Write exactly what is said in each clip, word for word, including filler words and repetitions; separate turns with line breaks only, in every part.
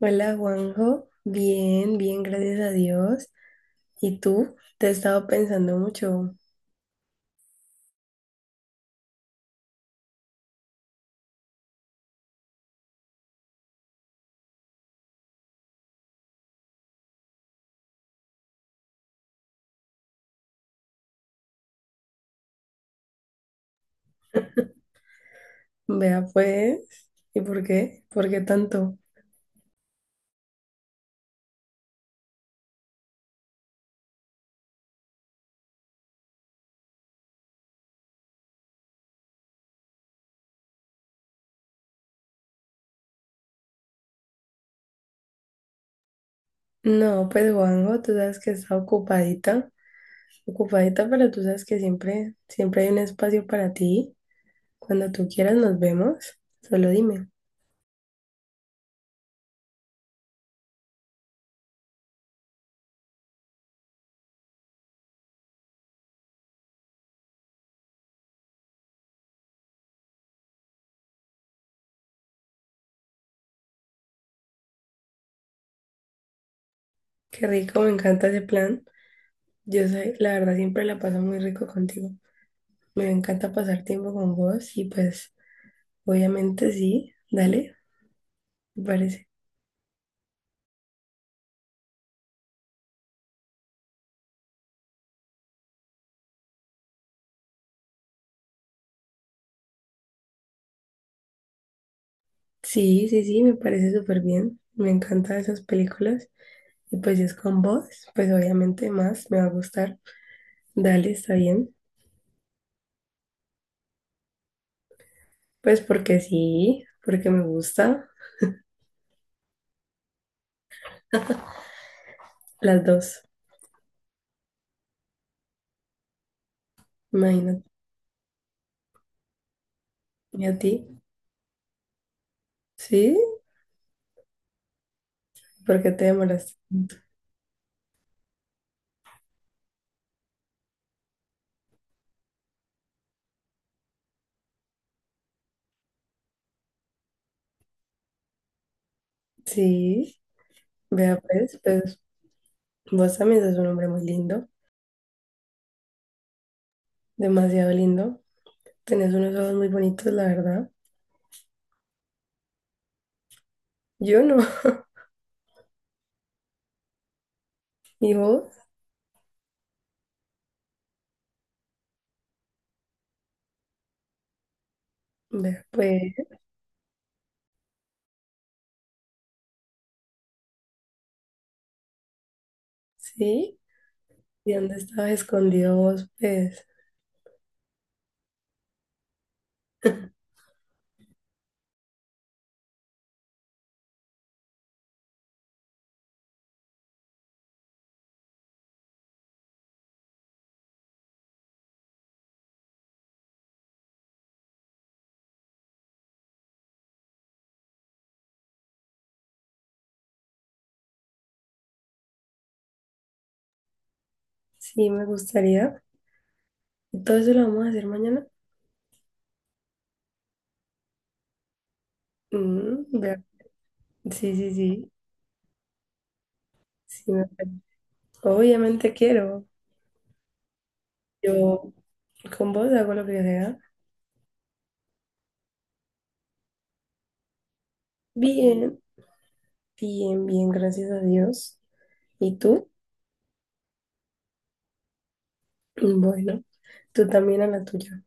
Hola Juanjo, bien, bien, gracias a Dios. ¿Y tú? Te he estado pensando mucho. Vea pues, ¿y por qué? ¿Por qué tanto? No, pues Juanjo, tú sabes que está ocupadita, ocupadita, pero tú sabes que siempre, siempre hay un espacio para ti. Cuando tú quieras nos vemos, solo dime. Qué rico, me encanta ese plan. Yo sé, la verdad siempre la paso muy rico contigo. Me encanta pasar tiempo con vos y pues, obviamente sí, dale, me parece. Sí, sí, sí, me parece súper bien. Me encantan esas películas. Y pues si es con vos, pues obviamente más me va a gustar. Dale, está bien. Pues porque sí, porque me gusta. Las dos, imagínate. ¿Y a ti? Sí, porque te demoras. Sí, vea pues, pues vos también sos un hombre muy lindo, demasiado lindo. Tenés unos ojos muy bonitos, la verdad. Yo no. ¿Y vos? Vea pues, sí. ¿Y dónde estabas escondido vos, pues? Sí, me gustaría. Todo eso lo vamos a hacer mañana. Mm, vea. Sí, sí, sí. Sí, me parece. Obviamente quiero. Yo con vos hago lo que sea. Bien, bien, bien, gracias a Dios. ¿Y tú? Mm, bueno, tú también a la tuya.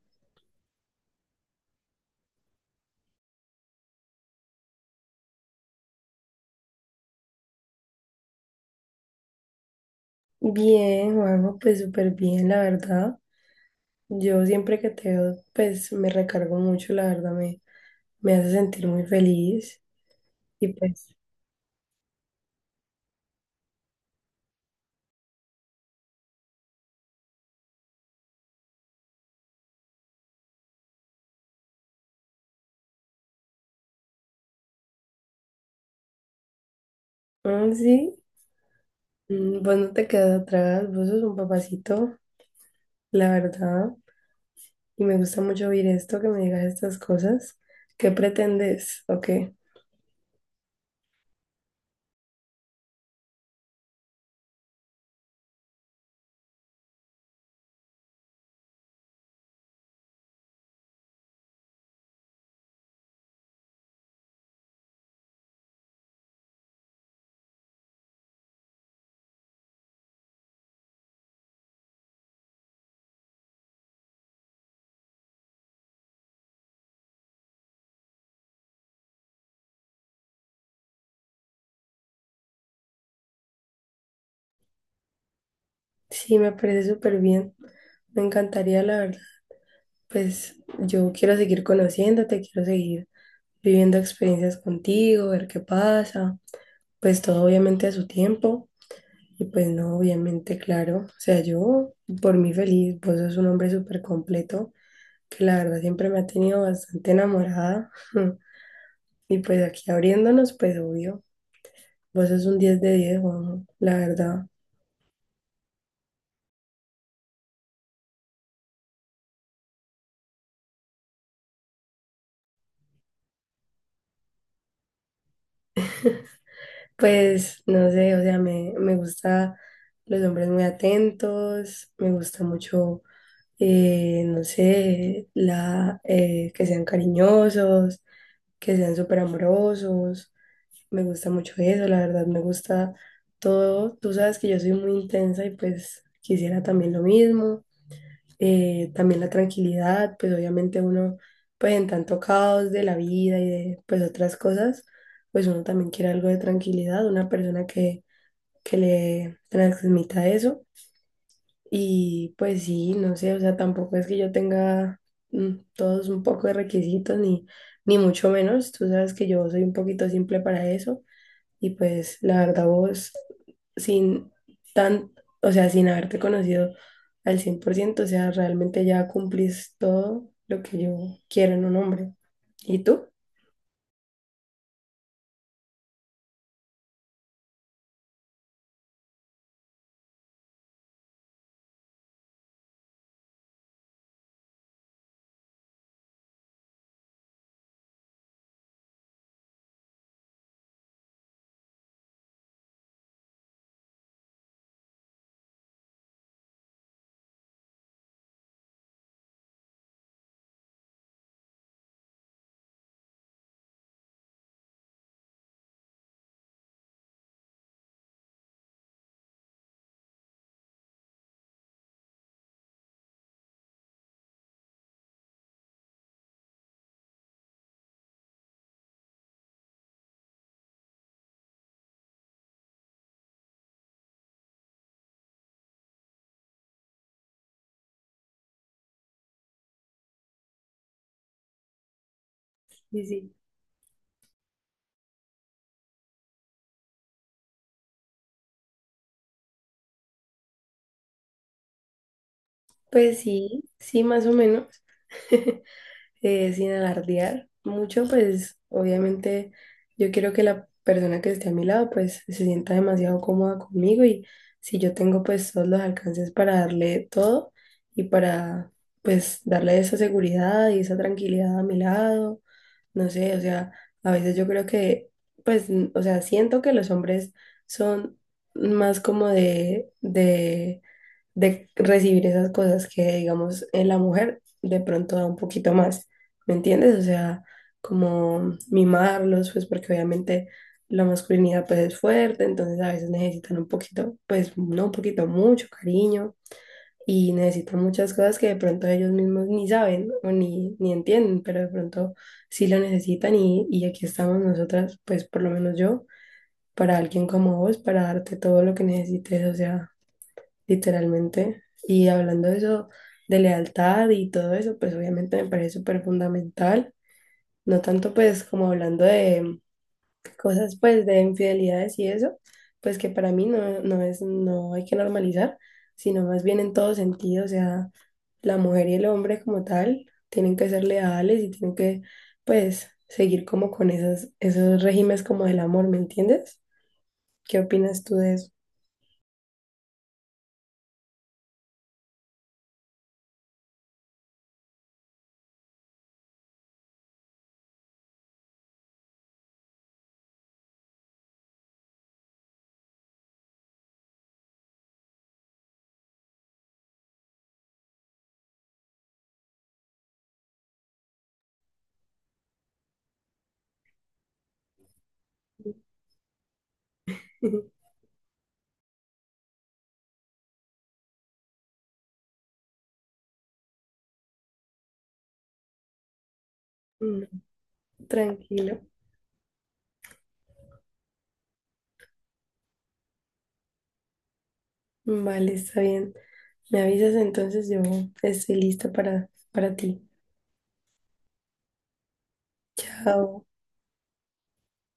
Bien, Juanjo, pues súper bien, la verdad. Yo siempre que te veo, pues me recargo mucho, la verdad, me, me hace sentir muy feliz. Y pues, mm, sí. Mm, pues no te quedas atrás, vos sos un papacito, la verdad. Y me gusta mucho oír esto, que me digas estas cosas. ¿Qué pretendes? ¿O qué? Sí, me parece súper bien. Me encantaría, la verdad. Pues yo quiero seguir conociéndote, quiero seguir viviendo experiencias contigo, ver qué pasa. Pues todo obviamente a su tiempo. Y pues no, obviamente, claro. O sea, yo por mí feliz, vos sos un hombre súper completo, que la verdad siempre me ha tenido bastante enamorada. Y pues aquí abriéndonos, pues obvio, vos sos un diez de diez Juanjo, la verdad. Pues no sé, o sea, me, me gusta los hombres muy atentos, me gusta mucho, eh, no sé, la, eh, que sean cariñosos, que sean súper amorosos, me gusta mucho eso, la verdad, me gusta todo. Tú sabes que yo soy muy intensa y pues quisiera también lo mismo. Eh, también la tranquilidad, pues obviamente uno, pues en tanto caos de la vida y de pues otras cosas, pues uno también quiere algo de tranquilidad, una persona que, que le transmita eso. Y pues sí, no sé, o sea, tampoco es que yo tenga mm, todos un poco de requisitos, ni, ni mucho menos, tú sabes que yo soy un poquito simple para eso. Y pues la verdad vos, sin tan, o sea, sin haberte conocido al cien por ciento, o sea, realmente ya cumplís todo lo que yo quiero en un hombre. ¿Y tú? Sí, sí. Pues sí, sí, más o menos. Eh, sin alardear mucho, pues obviamente yo quiero que la persona que esté a mi lado pues se sienta demasiado cómoda conmigo y si yo tengo pues todos los alcances para darle todo y para pues darle esa seguridad y esa tranquilidad a mi lado, no sé, o sea, a veces yo creo que pues, n- o sea, siento que los hombres son más como de, de de recibir esas cosas que, digamos, en la mujer de pronto da un poquito más, ¿me entiendes? O sea, como mimarlos, pues porque obviamente la masculinidad pues es fuerte, entonces a veces necesitan un poquito, pues no un poquito, mucho cariño y necesitan muchas cosas que de pronto ellos mismos ni saben o ni, ni entienden, pero de pronto sí lo necesitan y, y aquí estamos nosotras, pues por lo menos yo, para alguien como vos, para darte todo lo que necesites, o sea literalmente. Y hablando de eso, de lealtad y todo eso, pues obviamente me parece súper fundamental. No tanto pues como hablando de cosas pues de infidelidades y eso, pues que para mí no, no es, no hay que normalizar, sino más bien en todo sentido, o sea, la mujer y el hombre como tal tienen que ser leales y tienen que pues seguir como con esas, esos regímenes como del amor, ¿me entiendes? ¿Qué opinas tú de eso? Mm, tranquilo. Vale, está bien. Me avisas entonces, yo estoy lista para, para ti. Chao.